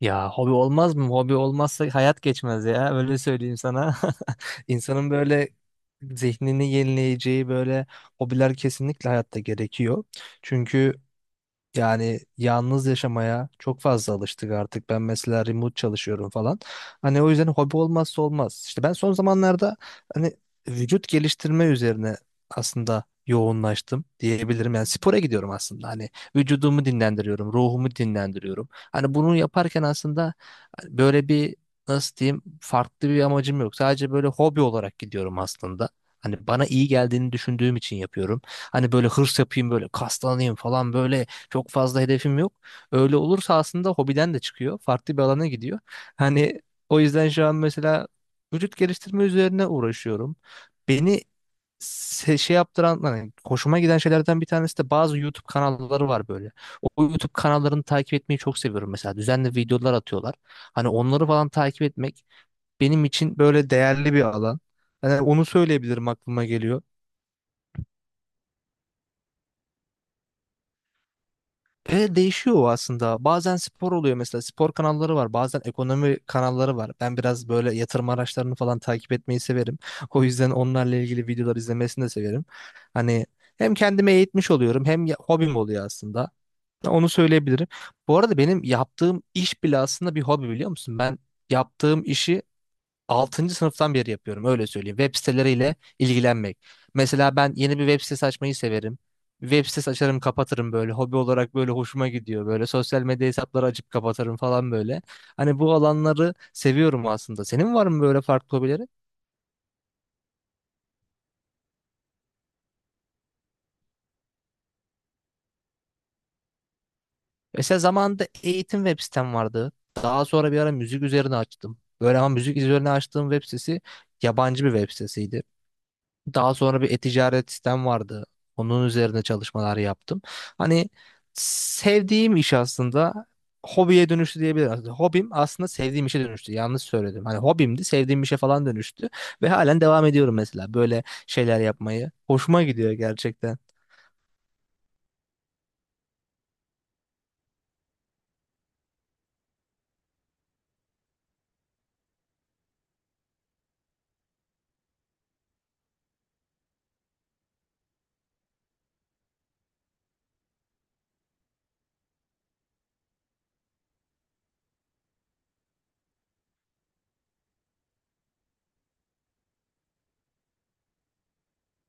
Ya hobi olmaz mı? Hobi olmazsa hayat geçmez ya. Öyle söyleyeyim sana. İnsanın böyle zihnini yenileyeceği böyle hobiler kesinlikle hayatta gerekiyor. Çünkü yani yalnız yaşamaya çok fazla alıştık artık. Ben mesela remote çalışıyorum falan. Hani o yüzden hobi olmazsa olmaz. İşte ben son zamanlarda hani vücut geliştirme üzerine aslında yoğunlaştım diyebilirim. Yani spora gidiyorum aslında. Hani vücudumu dinlendiriyorum, ruhumu dinlendiriyorum. Hani bunu yaparken aslında hani böyle bir, nasıl diyeyim, farklı bir amacım yok. Sadece böyle hobi olarak gidiyorum aslında. Hani bana iyi geldiğini düşündüğüm için yapıyorum. Hani böyle hırs yapayım, böyle kaslanayım falan böyle çok fazla hedefim yok. Öyle olursa aslında hobiden de çıkıyor. Farklı bir alana gidiyor. Hani o yüzden şu an mesela vücut geliştirme üzerine uğraşıyorum. Beni şey yaptıran, hani hoşuma giden şeylerden bir tanesi de bazı YouTube kanalları var böyle. O YouTube kanallarını takip etmeyi çok seviyorum mesela. Düzenli videolar atıyorlar. Hani onları falan takip etmek benim için böyle değerli bir alan. Hani onu söyleyebilirim, aklıma geliyor. Değişiyor o aslında. Bazen spor oluyor mesela. Spor kanalları var. Bazen ekonomi kanalları var. Ben biraz böyle yatırım araçlarını falan takip etmeyi severim. O yüzden onlarla ilgili videolar izlemesini de severim. Hani hem kendime eğitmiş oluyorum hem hobim oluyor aslında. Onu söyleyebilirim. Bu arada benim yaptığım iş bile aslında bir hobi, biliyor musun? Ben yaptığım işi altıncı sınıftan beri yapıyorum, öyle söyleyeyim. Web siteleriyle ilgilenmek. Mesela ben yeni bir web sitesi açmayı severim. Web sitesi açarım kapatırım, böyle hobi olarak böyle hoşuma gidiyor, böyle sosyal medya hesapları açıp kapatırım falan böyle. Hani bu alanları seviyorum aslında. Senin var mı böyle farklı hobileri? Mesela zamanında eğitim web sitem vardı. Daha sonra bir ara müzik üzerine açtım böyle, ama müzik üzerine açtığım web sitesi yabancı bir web sitesiydi. Daha sonra bir e-ticaret sistem vardı. Onun üzerine çalışmalar yaptım. Hani sevdiğim iş aslında hobiye dönüştü diyebilirim. Aslında hobim aslında sevdiğim işe dönüştü. Yanlış söyledim. Hani hobimdi, sevdiğim işe falan dönüştü ve halen devam ediyorum mesela böyle şeyler yapmayı. Hoşuma gidiyor gerçekten.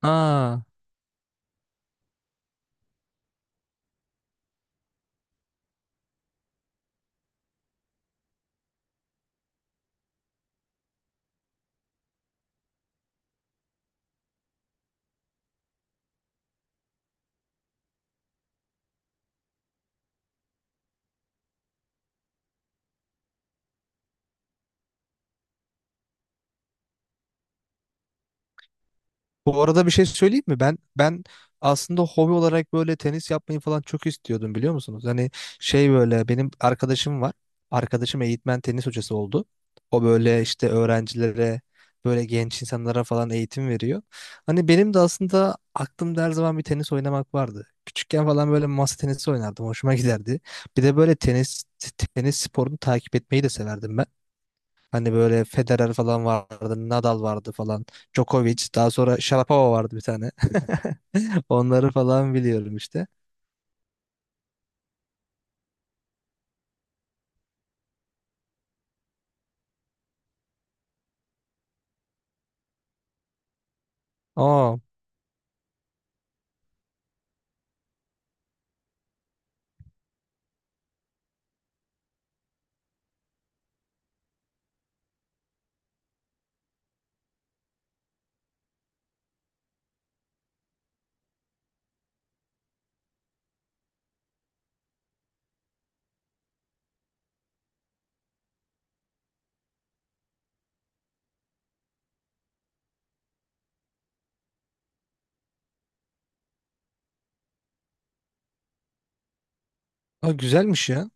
Aa. Bu arada bir şey söyleyeyim mi? Ben aslında hobi olarak böyle tenis yapmayı falan çok istiyordum, biliyor musunuz? Hani şey, böyle benim arkadaşım var. Arkadaşım eğitmen, tenis hocası oldu. O böyle işte öğrencilere, böyle genç insanlara falan eğitim veriyor. Hani benim de aslında aklımda her zaman bir tenis oynamak vardı. Küçükken falan böyle masa tenisi oynardım. Hoşuma giderdi. Bir de böyle tenis sporunu takip etmeyi de severdim ben. Hani böyle Federer falan vardı, Nadal vardı falan, Djokovic, daha sonra Sharapova vardı bir tane. Onları falan biliyorum işte. Aa, aa, güzelmiş ya.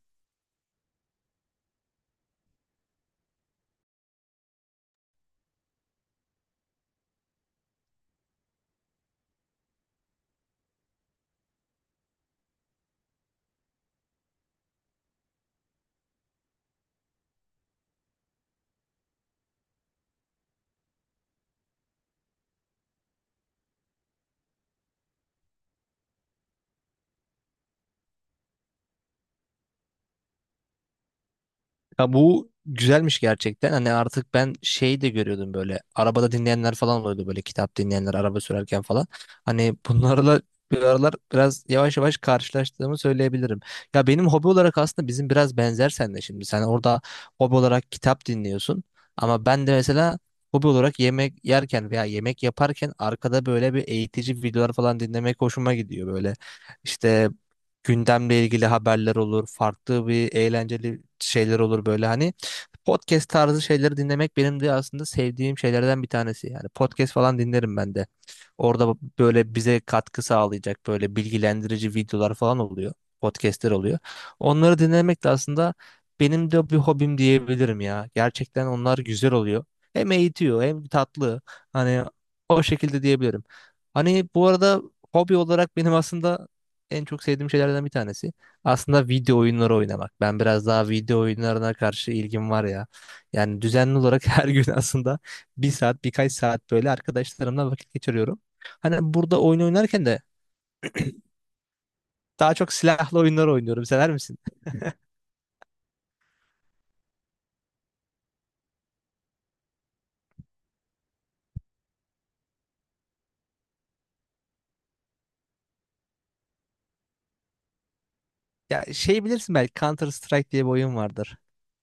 Ya bu güzelmiş gerçekten. Hani artık ben şey de görüyordum böyle. Arabada dinleyenler falan oluyordu, böyle kitap dinleyenler araba sürerken falan. Hani bunlarla bir aralar biraz yavaş yavaş karşılaştığımı söyleyebilirim. Ya benim hobi olarak aslında bizim biraz benzer seninle şimdi. Sen orada hobi olarak kitap dinliyorsun. Ama ben de mesela hobi olarak yemek yerken veya yemek yaparken arkada böyle bir eğitici videolar falan dinlemek hoşuma gidiyor böyle. İşte gündemle ilgili haberler olur, farklı bir eğlenceli şeyler olur böyle, hani podcast tarzı şeyleri dinlemek benim de aslında sevdiğim şeylerden bir tanesi. Yani podcast falan dinlerim ben de. Orada böyle bize katkı sağlayacak böyle bilgilendirici videolar falan oluyor. Podcast'ler oluyor. Onları dinlemek de aslında benim de bir hobim diyebilirim ya. Gerçekten onlar güzel oluyor. Hem eğitiyor hem tatlı. Hani o şekilde diyebilirim. Hani bu arada hobi olarak benim aslında en çok sevdiğim şeylerden bir tanesi, aslında video oyunları oynamak. Ben biraz daha video oyunlarına karşı ilgim var ya. Yani düzenli olarak her gün aslında bir saat, birkaç saat böyle arkadaşlarımla vakit geçiriyorum. Hani burada oyun oynarken de daha çok silahlı oyunlar oynuyorum. Sever misin? Ya şey, bilirsin belki Counter Strike diye bir oyun vardır.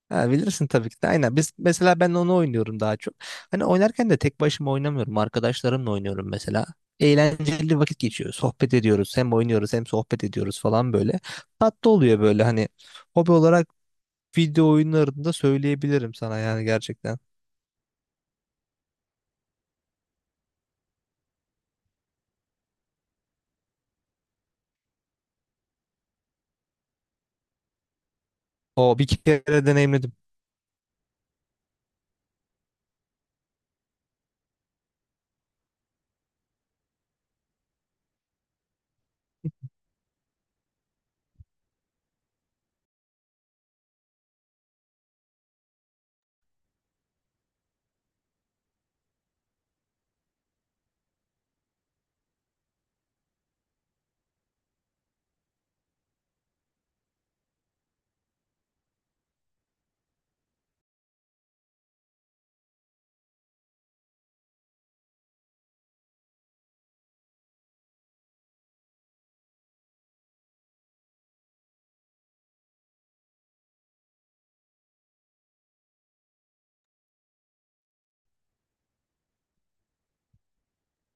Ha, bilirsin tabii ki de. Aynen. Biz mesela, ben onu oynuyorum daha çok. Hani oynarken de tek başıma oynamıyorum. Arkadaşlarımla oynuyorum mesela. Eğlenceli vakit geçiyor. Sohbet ediyoruz. Hem oynuyoruz hem sohbet ediyoruz falan böyle. Tatlı oluyor böyle, hani hobi olarak video oyunlarında söyleyebilirim sana yani gerçekten. O, bir kere deneyimledim.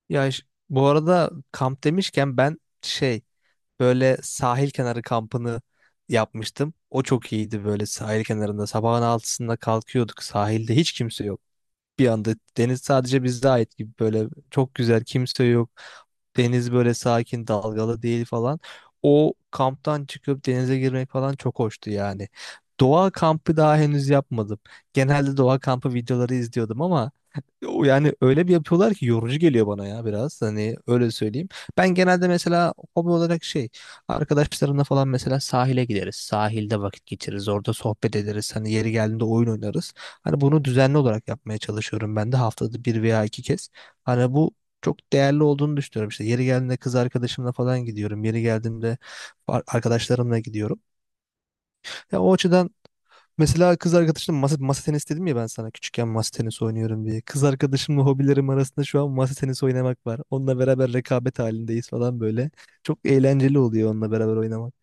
Ya ş- Bu arada kamp demişken ben şey, böyle sahil kenarı kampını yapmıştım. O çok iyiydi, böyle sahil kenarında. Sabahın altısında kalkıyorduk. Sahilde hiç kimse yok bir anda. Deniz sadece bize ait gibi, böyle çok güzel, kimse yok. Deniz böyle sakin, dalgalı değil falan. O kamptan çıkıp denize girmek falan çok hoştu yani. Doğa kampı daha henüz yapmadım. Genelde doğa kampı videoları izliyordum ama o, yani öyle bir yapıyorlar ki yorucu geliyor bana ya, biraz. Hani öyle söyleyeyim. Ben genelde mesela hobi olarak şey, arkadaşlarımla falan mesela sahile gideriz. Sahilde vakit geçiririz. Orada sohbet ederiz. Hani yeri geldiğinde oyun oynarız. Hani bunu düzenli olarak yapmaya çalışıyorum ben de haftada bir veya iki kez. Hani bu çok değerli olduğunu düşünüyorum. İşte yeri geldiğinde kız arkadaşımla falan gidiyorum. Yeri geldiğinde arkadaşlarımla gidiyorum. Ya o açıdan mesela kız arkadaşımla masa tenisi dedim ya ben sana, küçükken masa tenisi oynuyorum diye. Kız arkadaşımla hobilerim arasında şu an masa tenisi oynamak var. Onunla beraber rekabet halindeyiz falan böyle. Çok eğlenceli oluyor onunla beraber oynamak.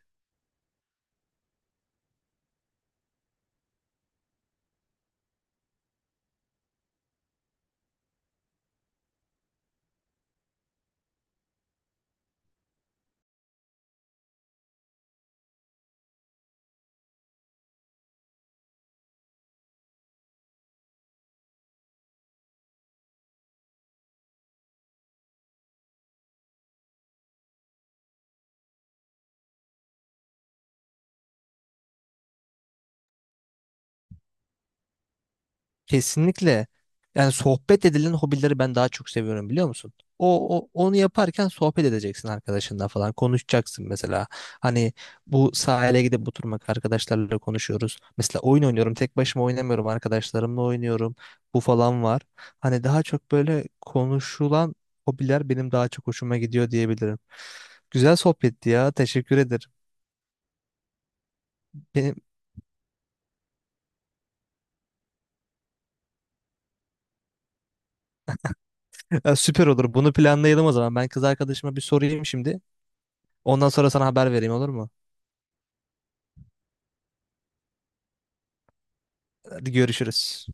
Kesinlikle. Yani sohbet edilen hobileri ben daha çok seviyorum, biliyor musun? Onu yaparken sohbet edeceksin arkadaşınla, falan konuşacaksın mesela. Hani bu sahile gidip oturmak, arkadaşlarla konuşuyoruz. Mesela oyun oynuyorum, tek başıma oynamıyorum, arkadaşlarımla oynuyorum. Bu falan var. Hani daha çok böyle konuşulan hobiler benim daha çok hoşuma gidiyor diyebilirim. Güzel sohbetti ya. Teşekkür ederim. Benim, süper olur. Bunu planlayalım o zaman. Ben kız arkadaşıma bir sorayım şimdi. Ondan sonra sana haber vereyim, olur mu? Hadi görüşürüz.